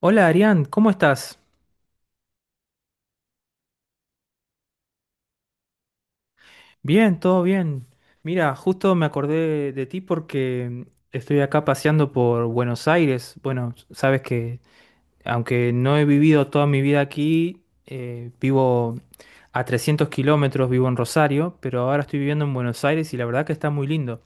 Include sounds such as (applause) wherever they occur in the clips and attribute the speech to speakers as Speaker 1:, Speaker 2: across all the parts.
Speaker 1: Hola Arián, ¿cómo estás? Bien, todo bien. Mira, justo me acordé de ti porque estoy acá paseando por Buenos Aires. Bueno, sabes que aunque no he vivido toda mi vida aquí, vivo a 300 km, vivo en Rosario, pero ahora estoy viviendo en Buenos Aires y la verdad que está muy lindo.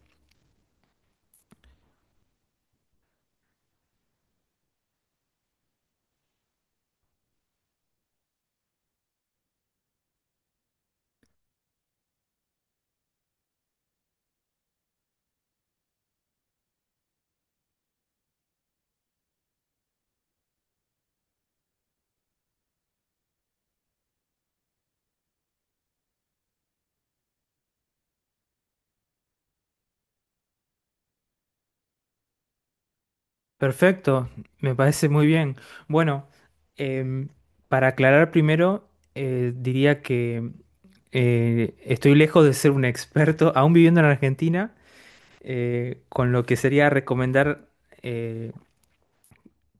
Speaker 1: Perfecto, me parece muy bien. Bueno, em, para aclarar primero, diría que estoy lejos de ser un experto, (laughs) aún viviendo en Argentina, con lo que sería recomendar eh,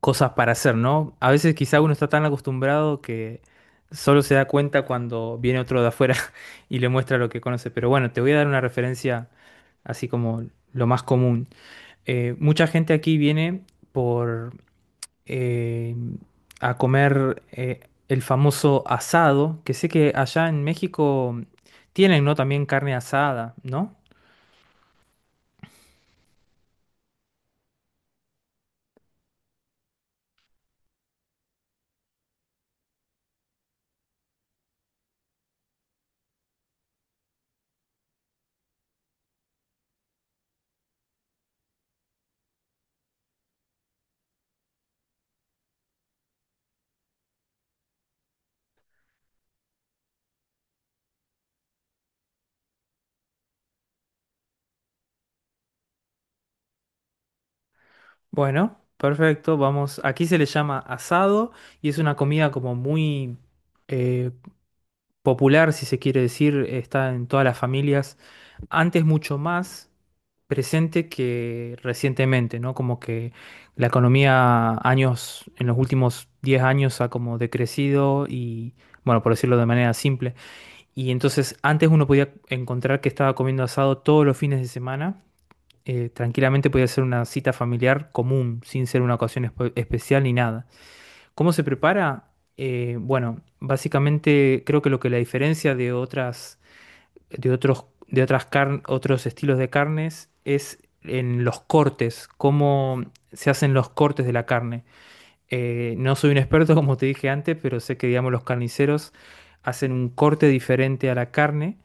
Speaker 1: cosas para hacer, ¿no? A veces quizá uno está tan acostumbrado que solo se da cuenta cuando viene otro de afuera (laughs) y le muestra lo que conoce. Pero bueno, te voy a dar una referencia así como lo más común. Mucha gente aquí viene por eh, a comer el famoso asado, que sé que allá en México tienen, ¿no? También carne asada, ¿no? Bueno, perfecto, vamos. Aquí se le llama asado y es una comida como muy eh, popular, si se quiere decir, está en todas las familias antes mucho más presente que recientemente, ¿no? Como que la economía años, en los últimos 10 años ha como decrecido y, bueno, por decirlo de manera simple. Y entonces antes uno podía encontrar que estaba comiendo asado todos los fines de semana. Tranquilamente podía ser una cita familiar común, sin ser una ocasión especial ni nada. ¿Cómo se prepara? Bueno, básicamente creo que lo que la diferencia de otras de otros, de otras car- otros estilos de carnes es en los cortes, cómo se hacen los cortes de la carne. No soy un experto, (laughs) como te dije antes, pero sé que, digamos, los carniceros hacen un corte diferente a la carne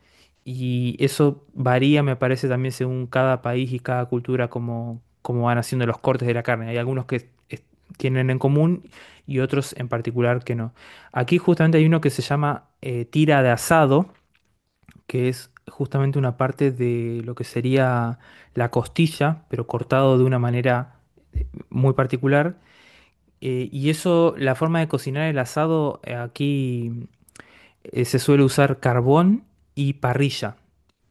Speaker 1: y eso varía, me parece, también según cada país y cada cultura, cómo, cómo van haciendo los cortes de la carne. Hay algunos que es- tienen en común y otros en particular que no. Aquí justamente hay uno que se llama tira de asado que es justamente una parte de lo que sería la costilla, pero cortado de una manera muy particular. Y eso, la forma de cocinar el asado aquí se suele usar carbón y parrilla,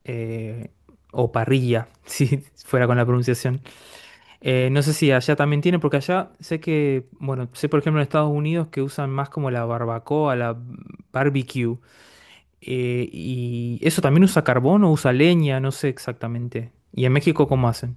Speaker 1: eh, o parrilla, (laughs) si fuera con la pronunciación. No sé si allá también tiene, porque allá sé que, bueno, sé por ejemplo en Estados Unidos que usan más como la barbacoa, la barbecue. Y eso también usa carbón o usa leña, no sé exactamente. ¿Y en México cómo hacen?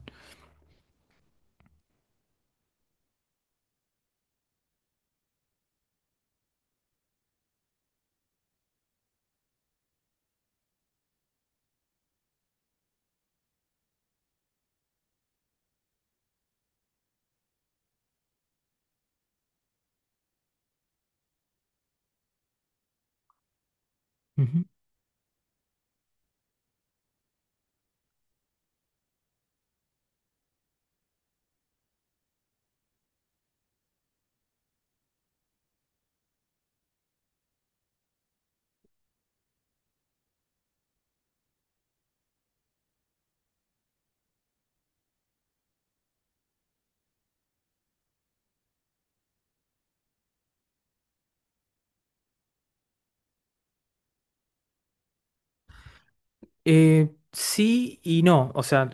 Speaker 1: Ujú. Sí y no. O sea,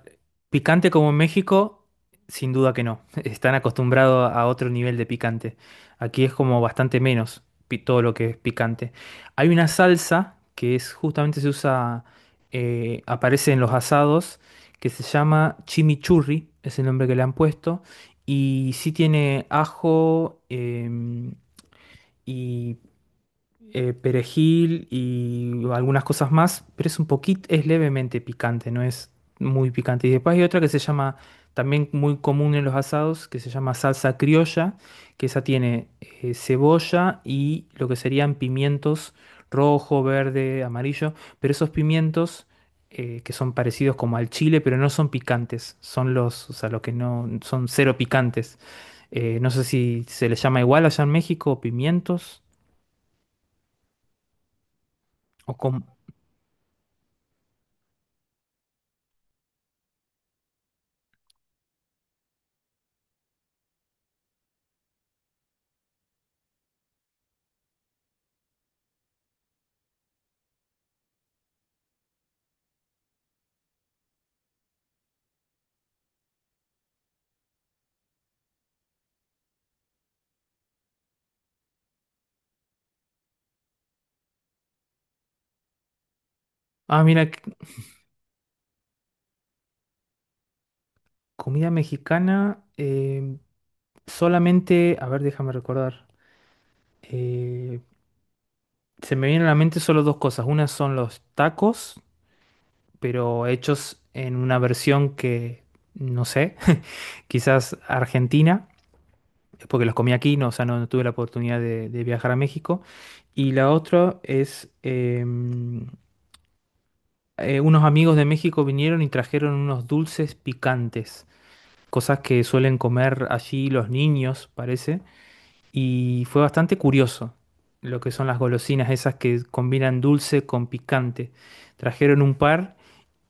Speaker 1: picante como en México, sin duda que no. (laughs) Están acostumbrados a otro nivel de picante. Aquí es como bastante menos todo lo que es picante. Hay una salsa que es justamente se usa, aparece en los asados, que se llama chimichurri, es el nombre que le han puesto. Y sí tiene ajo, y perejil y algunas cosas más, pero es un poquito, es levemente picante, no es muy picante. Y después hay otra que se llama, también muy común en los asados, que se llama salsa criolla, que esa tiene cebolla y lo que serían pimientos rojo, verde, amarillo, pero esos pimientos que son parecidos como al chile, pero no son picantes, son los, o sea, los que no son cero picantes. No sé si se les llama igual allá en México, pimientos. O com- ah, mira, comida mexicana. Solamente, a ver, déjame recordar. eh, Se me vienen a la mente solo dos cosas. Una son los tacos, pero hechos en una versión que, no sé, (laughs) quizás argentina, porque los comí aquí, no, o sea, no, no tuve la oportunidad de viajar a México. Y la otra es, unos amigos de México vinieron y trajeron unos dulces picantes. Cosas que suelen comer allí los niños, parece, y fue bastante curioso lo que son las golosinas esas que combinan dulce con picante. Trajeron un par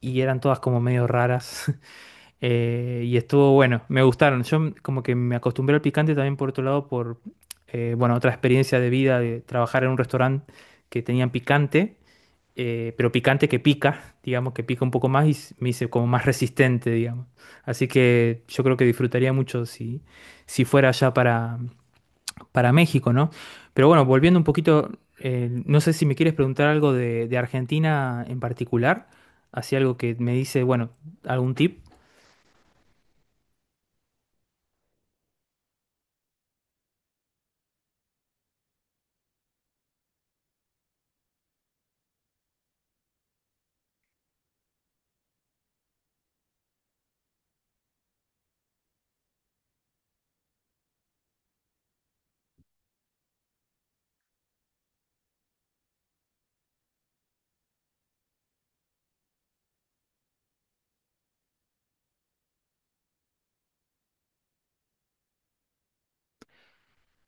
Speaker 1: y eran todas como medio raras (laughs) y estuvo bueno, me gustaron. Como que me acostumbré al picante también por otro lado por, bueno, otra experiencia de vida de trabajar en un restaurante que tenían picante pero picante que pica, digamos, que pica un poco más y me hice como más resistente, digamos. Así que yo creo que disfrutaría mucho si, si fuera allá para México, ¿no? Pero bueno, volviendo un poquito, no sé si me quieres preguntar algo de Argentina en particular, así algo que me dice, bueno, algún tip.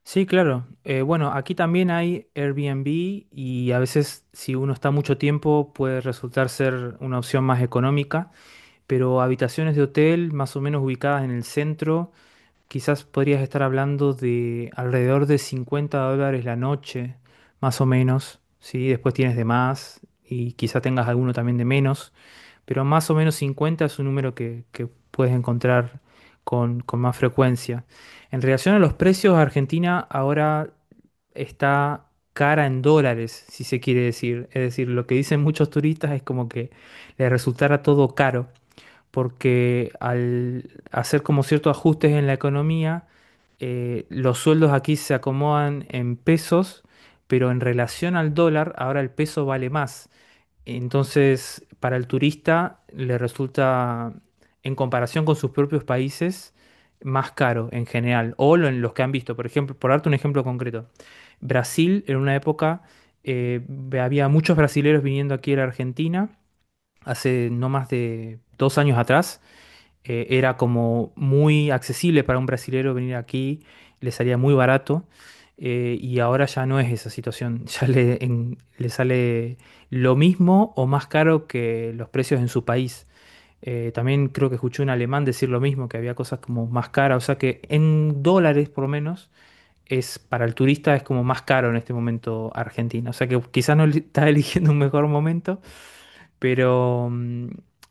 Speaker 1: Sí, claro. Bueno, aquí también hay Airbnb y a veces si uno está mucho tiempo puede resultar ser una opción más económica. Pero habitaciones de hotel más o menos ubicadas en el centro, quizás podrías estar hablando de alrededor de $50 la noche, más o menos, ¿sí? Después tienes de más y quizás tengas alguno también de menos, pero más o menos 50 es un número que puedes encontrar con más frecuencia. En relación a los precios, Argentina ahora está cara en dólares, si se quiere decir. Es decir, lo que dicen muchos turistas es como que les resultara todo caro porque al hacer como ciertos ajustes en la economía, los sueldos aquí se acomodan en pesos, pero en relación al dólar, ahora el peso vale más. Entonces, para el turista le resulta, en comparación con sus propios países, más caro en general, en los que han visto. Por ejemplo, por darte un ejemplo concreto, Brasil en una época eh, había muchos brasileros viniendo aquí a la Argentina, hace no más de 2 años atrás, era como muy accesible para un brasilero venir aquí, le salía muy barato, y ahora ya no es esa situación, (laughs) ya le, le sale lo mismo o más caro que los precios en su país. También creo que escuché un alemán decir lo mismo, que había cosas como más caras, o sea que en dólares por lo menos es para el turista es como más caro en este momento Argentina, o sea que quizás no le- está (laughs) eligiendo un mejor momento, pero mm,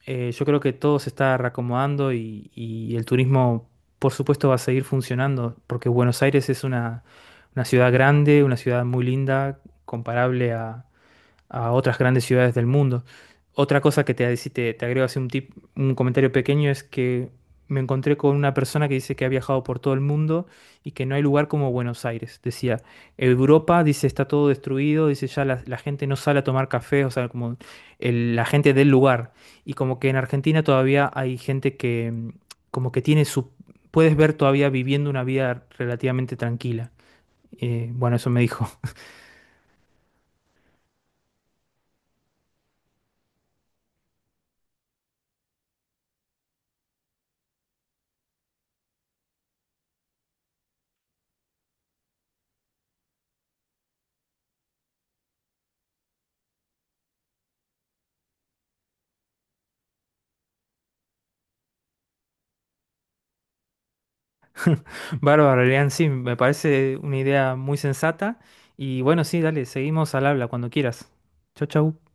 Speaker 1: eh, yo creo que todo se está reacomodando y el turismo, por supuesto, va a seguir funcionando, porque Buenos Aires es una ciudad grande, una ciudad muy linda, comparable a otras grandes ciudades del mundo. Otra cosa que te, si te, te agrego así un tip, un comentario pequeño es que me encontré con una persona que dice que ha viajado por todo el mundo y que no hay lugar como Buenos Aires. Decía, Europa, dice, está todo destruido, dice, ya la gente no sale a tomar café, o sea, como la gente del lugar. Y como que en Argentina todavía hay gente que como que tiene su... Puedes ver todavía viviendo una vida relativamente tranquila. Bueno, eso me dijo. Bárbaro, Elian, sí, me parece una idea muy sensata. Y bueno, sí, dale, seguimos al habla cuando quieras. Chau, chau.